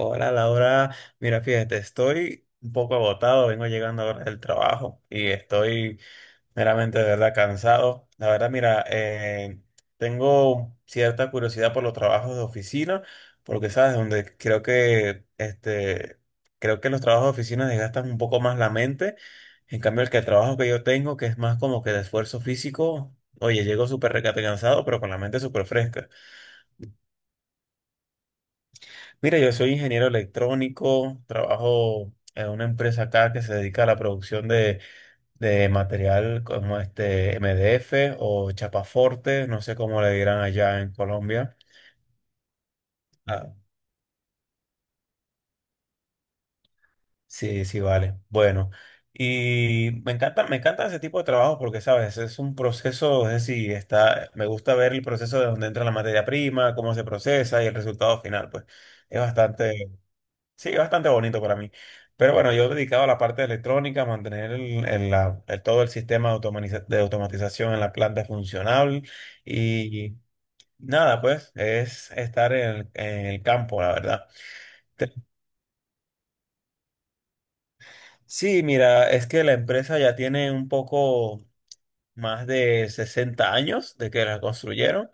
Hola Laura, mira, fíjate, estoy un poco agotado, vengo llegando ahora del trabajo y estoy meramente de verdad cansado. La verdad, mira, tengo cierta curiosidad por los trabajos de oficina, porque sabes, donde creo que este, creo que los trabajos de oficina desgastan un poco más la mente. En cambio, el trabajo que yo tengo, que es más como que de esfuerzo físico, oye, llego súper recate cansado, pero con la mente súper fresca. Mira, yo soy ingeniero electrónico, trabajo en una empresa acá que se dedica a la producción de material como este MDF o chapaforte, no sé cómo le dirán allá en Colombia. Ah, sí, sí, vale. Bueno, y me encanta ese tipo de trabajo porque, sabes, es un proceso, es decir, me gusta ver el proceso de donde entra la materia prima, cómo se procesa y el resultado final, pues es bastante, sí, bastante bonito para mí. Pero bueno, yo dedicado a la parte de electrónica, mantener todo el sistema de, automatización en la planta funcional y nada, pues es estar en el campo, la verdad. Te- Sí, mira, es que la empresa ya tiene un poco más de 60 años de que la construyeron.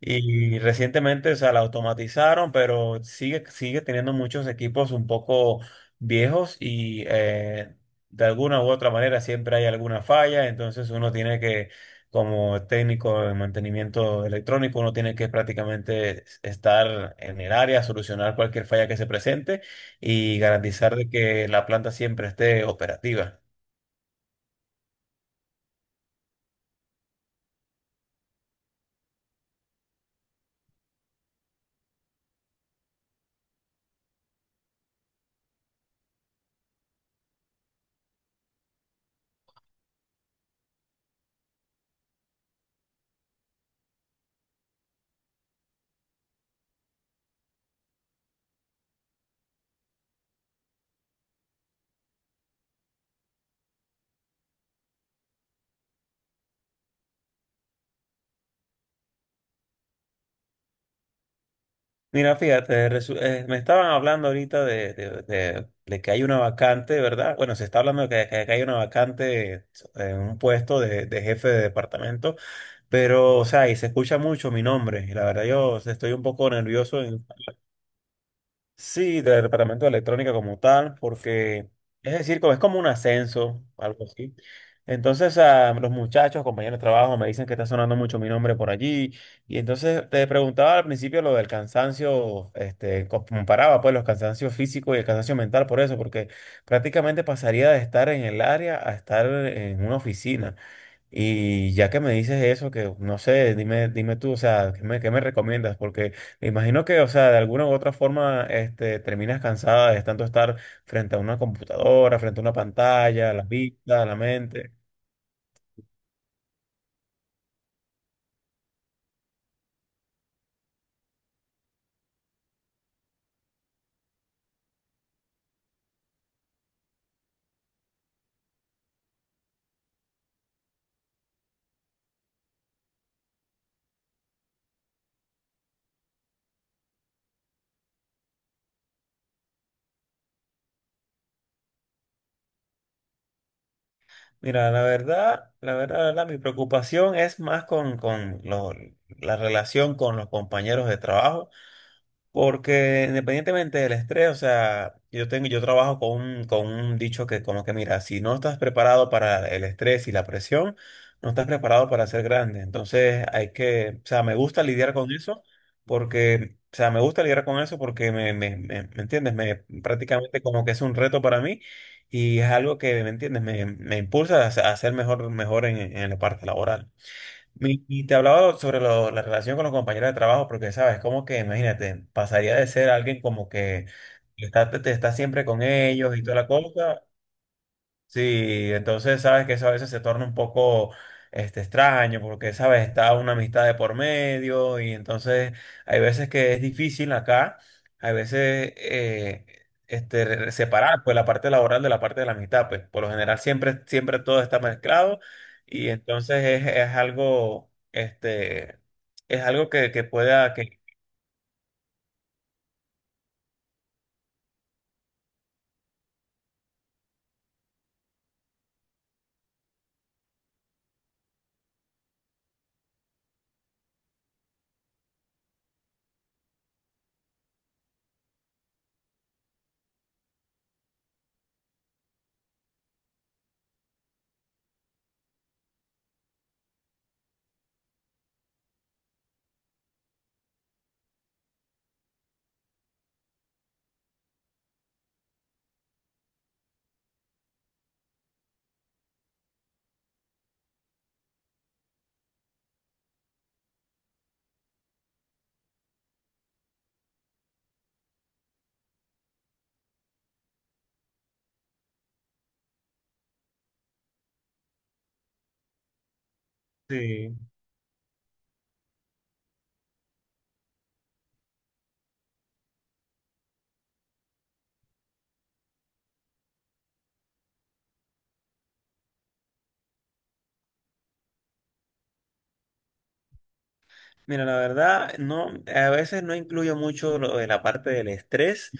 Y recientemente, o sea, la automatizaron, pero sigue teniendo muchos equipos un poco viejos y de alguna u otra manera siempre hay alguna falla. Entonces uno tiene que, como técnico de mantenimiento electrónico, uno tiene que prácticamente estar en el área, solucionar cualquier falla que se presente y garantizar de que la planta siempre esté operativa. Mira, fíjate, me estaban hablando ahorita de que hay una vacante, ¿verdad? Bueno, se está hablando de que hay una vacante en un puesto de jefe de departamento, pero, o sea, y se escucha mucho mi nombre, y la verdad yo estoy un poco nervioso. Sí, del departamento de electrónica como tal, porque es decir, es como un ascenso, algo así. Entonces, ah, los muchachos, compañeros de trabajo, me dicen que está sonando mucho mi nombre por allí. Y entonces te preguntaba al principio lo del cansancio, este, comparaba pues los cansancios físicos y el cansancio mental por eso, porque prácticamente pasaría de estar en el área a estar en una oficina. Y ya que me dices eso, que no sé, dime, dime tú, o sea, qué me recomiendas? Porque me imagino que, o sea, de alguna u otra forma, este, terminas cansada de tanto estar frente a una computadora, frente a una pantalla, la vista, la mente. Mira, la verdad, mi preocupación es más con la relación con los compañeros de trabajo. Porque independientemente del estrés, o sea, yo tengo, yo trabajo con un dicho que como que mira, si no estás preparado para el estrés y la presión, no estás preparado para ser grande. Entonces hay que, o sea, me gusta lidiar con eso porque, o sea, me gusta lidiar con eso porque ¿me entiendes? Me prácticamente como que es un reto para mí y es algo que, ¿me entiendes? Me impulsa a ser mejor, mejor en la parte laboral. Y te hablaba sobre la relación con los compañeros de trabajo, porque sabes, como que imagínate, pasaría de ser alguien como que te está siempre con ellos y toda la cosa. Sí, entonces sabes que eso a veces se torna un poco este, extraño porque, sabes, está una amistad de por medio y entonces hay veces que es difícil acá, hay veces este, separar pues la parte laboral de la parte de la amistad, pues por lo general siempre todo está mezclado y entonces es algo, este, es algo sí. Mira, la verdad, no, a veces no incluyo mucho lo de la parte del estrés,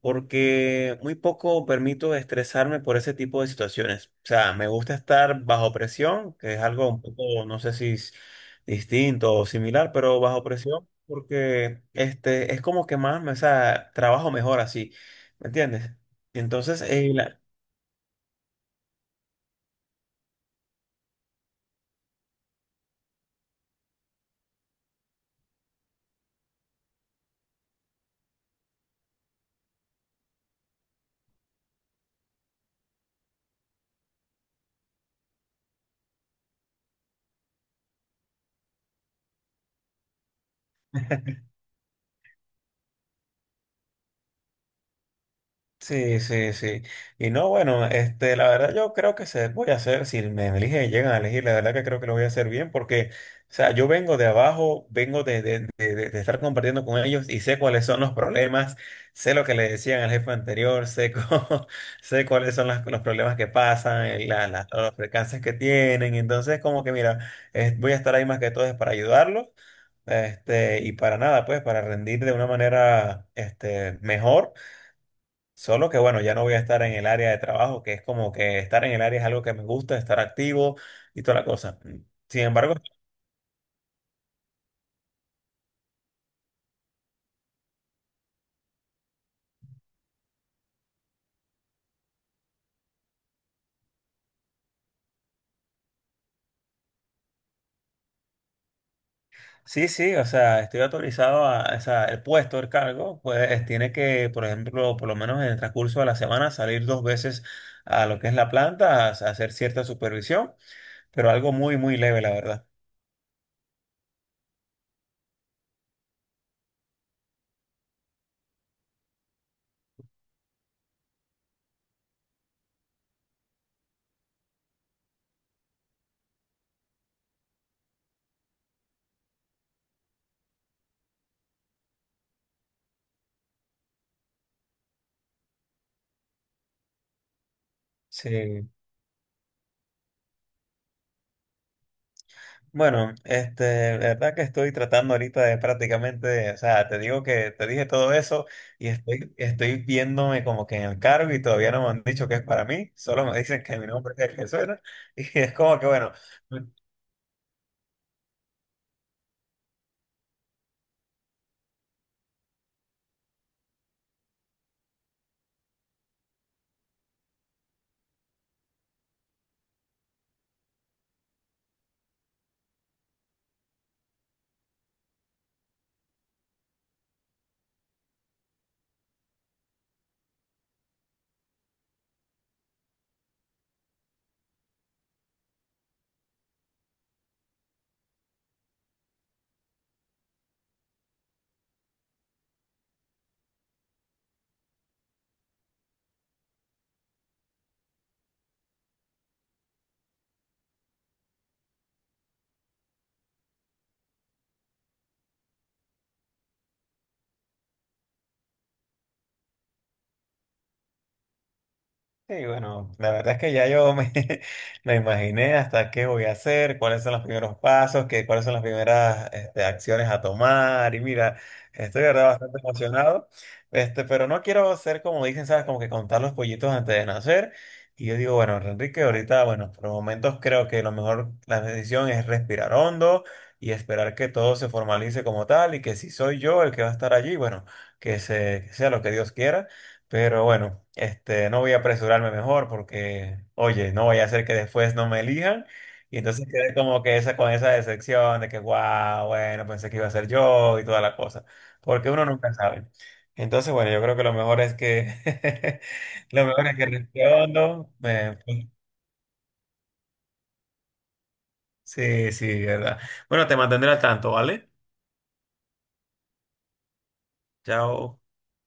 porque muy poco permito estresarme por ese tipo de situaciones. O sea, me gusta estar bajo presión, que es algo un poco, no sé si es distinto o similar, pero bajo presión, porque este es como que más, o sea, trabajo mejor así, ¿me entiendes? Entonces, sí, sí, sí. Y no, bueno, este, la verdad yo creo que se voy a hacer, si me eligen, llegan a elegir, la verdad que creo que lo voy a hacer bien porque, o sea, yo vengo de abajo, vengo de estar compartiendo con ellos y sé cuáles son los problemas, sé lo que le decían al jefe anterior, sé, sé cuáles son los problemas que pasan, los percances que tienen, entonces como que mira, voy a estar ahí más que todo es para ayudarlos. Este, y para nada, pues, para rendir de una manera, este, mejor. Solo que bueno, ya no voy a estar en el área de trabajo, que es como que estar en el área es algo que me gusta, estar activo y toda la cosa. Sin embargo, sí, sí, o sea, estoy autorizado a, o sea, el puesto, el cargo, pues tiene que, por ejemplo, por lo menos en el transcurso de la semana, salir dos veces a lo que es la planta, a hacer cierta supervisión, pero algo muy leve, la verdad. Sí. Bueno, este, la verdad que estoy tratando ahorita de prácticamente, o sea, te digo que te dije todo eso y estoy viéndome como que en el cargo y todavía no me han dicho que es para mí, solo me dicen que mi nombre es el que suena y es como que bueno, sí, bueno, la verdad es que ya me imaginé hasta qué voy a hacer, cuáles son los primeros pasos, cuáles son las primeras este, acciones a tomar. Y mira, estoy de verdad bastante emocionado, este, pero no quiero ser como dicen, ¿sabes? Como que contar los pollitos antes de nacer. Y yo digo, bueno, Enrique, ahorita, bueno, por momentos creo que lo mejor, la decisión es respirar hondo y esperar que todo se formalice como tal y que si soy yo el que va a estar allí, bueno, que sea lo que Dios quiera. Pero bueno, este, no voy a apresurarme mejor porque, oye, no voy a hacer que después no me elijan. Y entonces quedé como que esa, con esa decepción de que, wow, bueno, pensé que iba a ser yo y toda la cosa. Porque uno nunca sabe. Entonces, bueno, yo creo que lo mejor es que, lo mejor es que respondo. Sí, sí, verdad. Bueno, te mantendré al tanto, ¿vale? Chao.